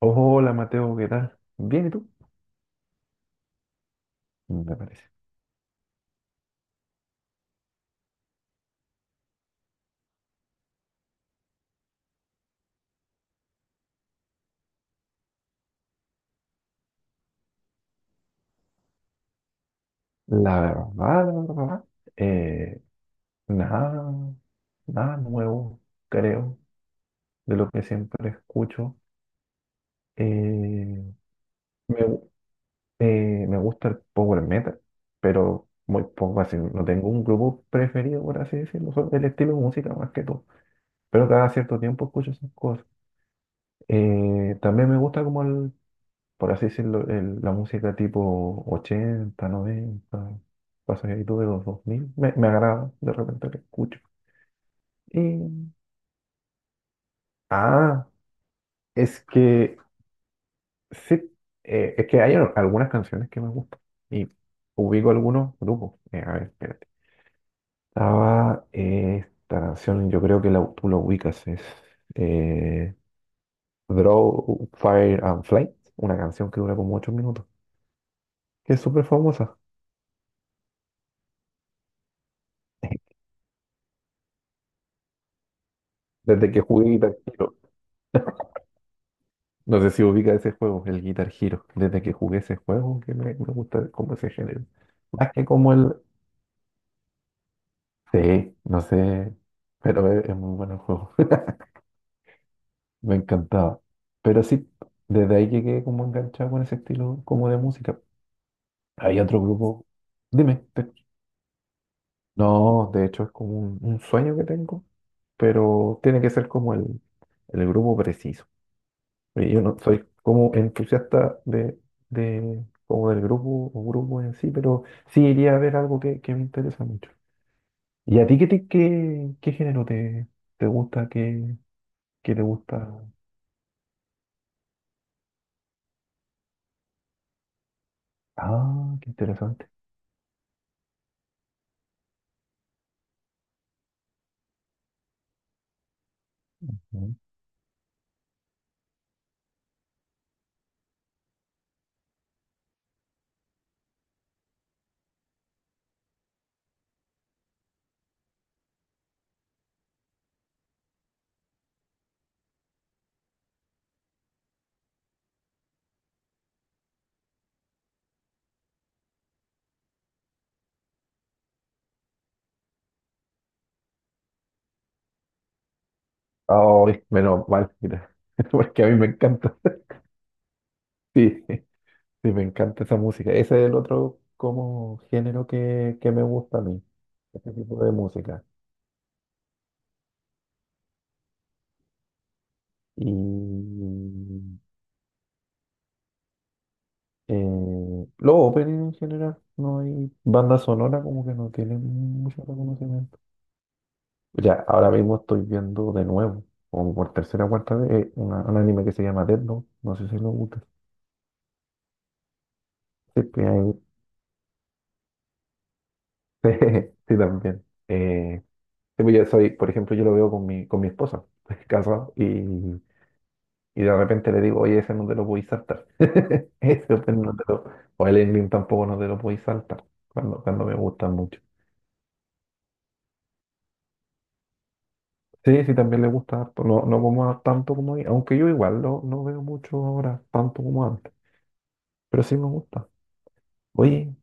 Hola Mateo, ¿qué tal? Bien, ¿y tú? Me parece. La verdad, la verdad, eh, Nada, nada nuevo, creo, de lo que siempre escucho. Eh, me, gu- Me gusta el power metal, pero muy poco, así, no tengo un grupo preferido, por así decirlo, solo el estilo de música más que todo. Pero cada cierto tiempo escucho esas cosas. También me gusta como el, por así decirlo, la música tipo 80, 90, pasadito de los 2000 me agrada de repente que escucho. Y, ah, es que sí, es que hay algunas canciones que me gustan y ubico algunos grupos. A ver, espérate. Estaba, esta canción, yo creo que tú la ubicas, es, eh, Draw, Fire and Flight, una canción que dura como 8 minutos, que es súper famosa. Desde que jugué guitarra. No sé si ubica ese juego, el Guitar Hero. Desde que jugué ese juego, que me gusta como ese género. Más que como el... Sí, no sé, pero es muy bueno el juego. Me encantaba. Pero sí, desde ahí llegué como enganchado con ese estilo como de música. Hay otro grupo. Dime. No, de hecho es como un sueño que tengo, pero tiene que ser como el grupo preciso. Y yo no soy como entusiasta de como del grupo o grupo en sí, pero sí iría a ver algo que me interesa mucho. ¿Y a ti qué género te gusta? ¿Qué te gusta? Ah, qué interesante. Mm. Ay, menos mal, mira, porque a mí me encanta. Sí, sí, me encanta esa música. Ese es el otro como género que me gusta a mí, ese tipo de música. Y, los opening en general, no hay banda sonora como que no tienen mucho reconocimiento. Ya, ahora mismo estoy viendo de nuevo, como por tercera o cuarta vez, un anime que se llama Death Note. No sé si lo gusta. Sí, pues, ahí- sí, también. Sí, pues, yo soy, por ejemplo, yo lo veo con con mi esposa, casado, y de repente le digo, oye, ese no te lo podéis saltar. Ese opening no te lo, o el ending tampoco no te lo podéis saltar, cuando me gustan mucho. Sí, sí, también le gusta harto. No, no como tanto como ahí, aunque yo igual no veo mucho ahora, tanto como antes, pero sí me gusta. Oye,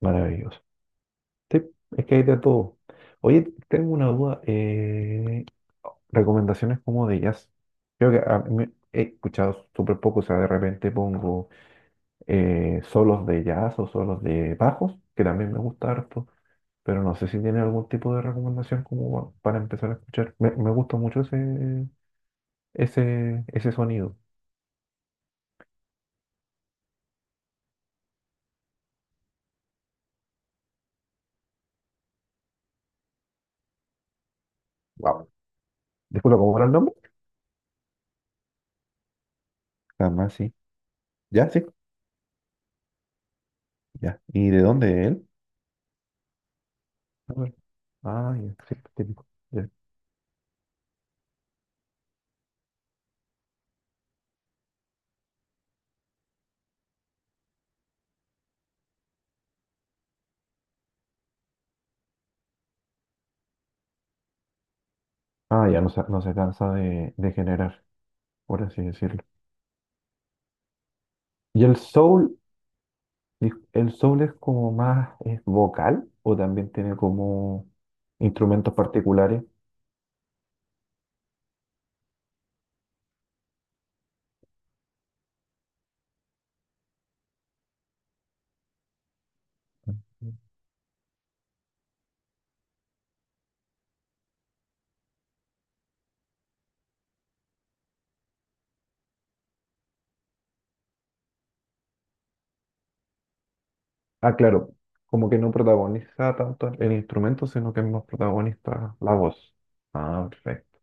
maravilloso. Sí, es que hay de todo. Oye, tengo una duda. Recomendaciones como de jazz. Creo que a mí he escuchado súper poco, o sea, de repente pongo, solos de jazz o solos de bajos, que también me gusta harto, pero no sé si tiene algún tipo de recomendación como para empezar a escuchar. Me gusta mucho ese sonido. Wow. Disculpa, ¿cómo era el nombre? Jamás sí. Ya, sí, ya. ¿Y de dónde es él? A ver. Ah, ya, sí, típico. Ya. Ah, ya no se cansa de generar, por así decirlo. ¿Y el soul, el soul es como más, es vocal o también tiene como instrumentos particulares? Ujú. Ah, claro, como que no protagoniza tanto el instrumento, sino que es más protagonista la voz. Ah, perfecto.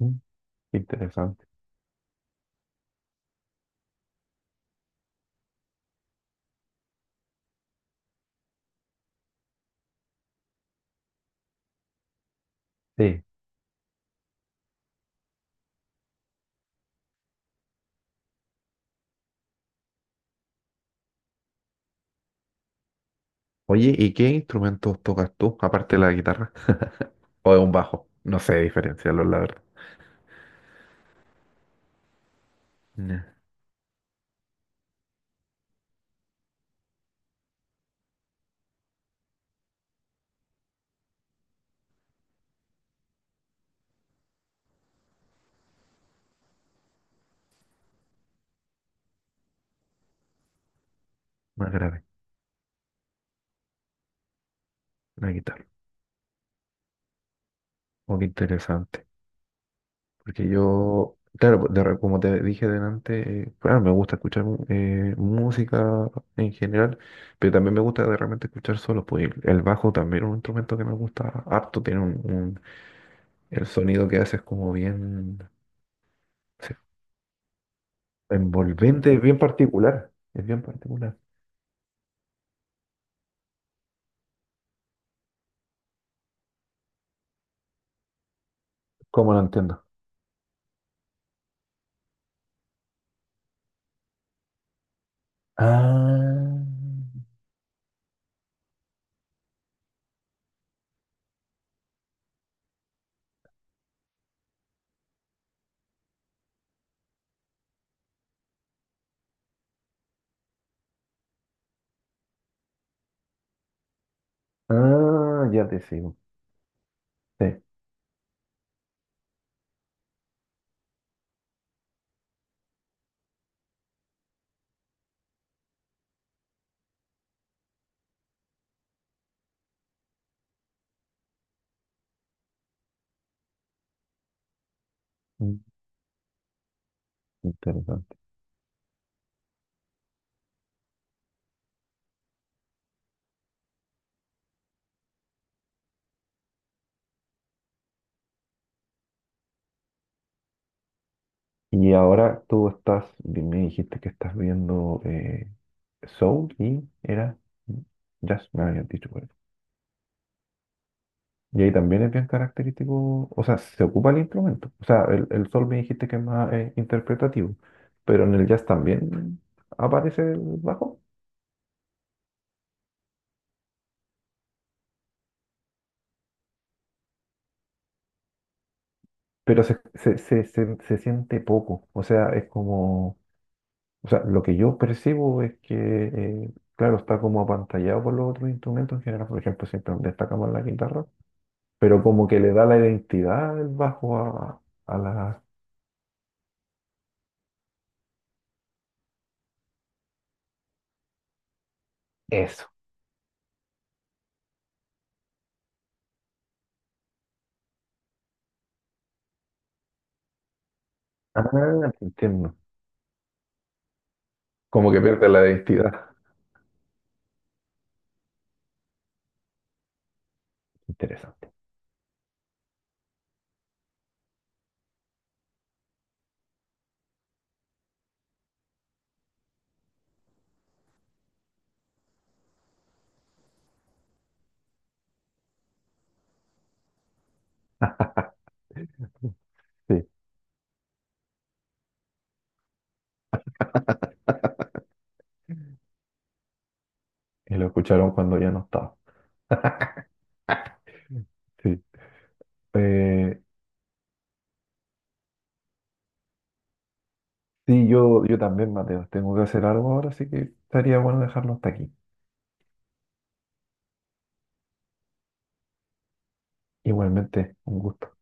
Mm, interesante. Sí. Oye, ¿y qué instrumentos tocas tú, aparte de la guitarra? O de un bajo. No sé diferenciarlos, la verdad. Ya, más grave, la guitarra. Oh, qué interesante. Porque yo, claro, pues, de como te dije delante, claro, me gusta escuchar música en general, pero también me gusta de repente escuchar solos. Pues el bajo también es un instrumento que me gusta harto, tiene un- el sonido que hace es como bien no envolvente, es bien particular. ¿Cómo lo entiendo? Ah. Ah, ya te sigo. Sí. Mm, interesante. Y ahora tú estás, me dijiste que estás viendo, Soul y era, mm, Jazz, me habías dicho por eso. Y ahí también es bien característico, o sea, se ocupa el instrumento. O sea, el soul me dijiste que es más, interpretativo, pero en el jazz también aparece el bajo, pero se siente poco. O sea, es como, o sea, lo que yo percibo es que, claro, está como apantallado por los otros instrumentos en general. Por ejemplo, siempre destacamos la guitarra, pero como que le da la identidad el bajo a la... Eso. Ah, te entiendo. Como que pierde la identidad. Interesante. Sí, y lo escucharon cuando ya no estaba. Sí. Eh, sí, yo también, Mateo, tengo que hacer algo ahora, así que estaría bueno dejarlo hasta aquí. Igualmente, un gusto.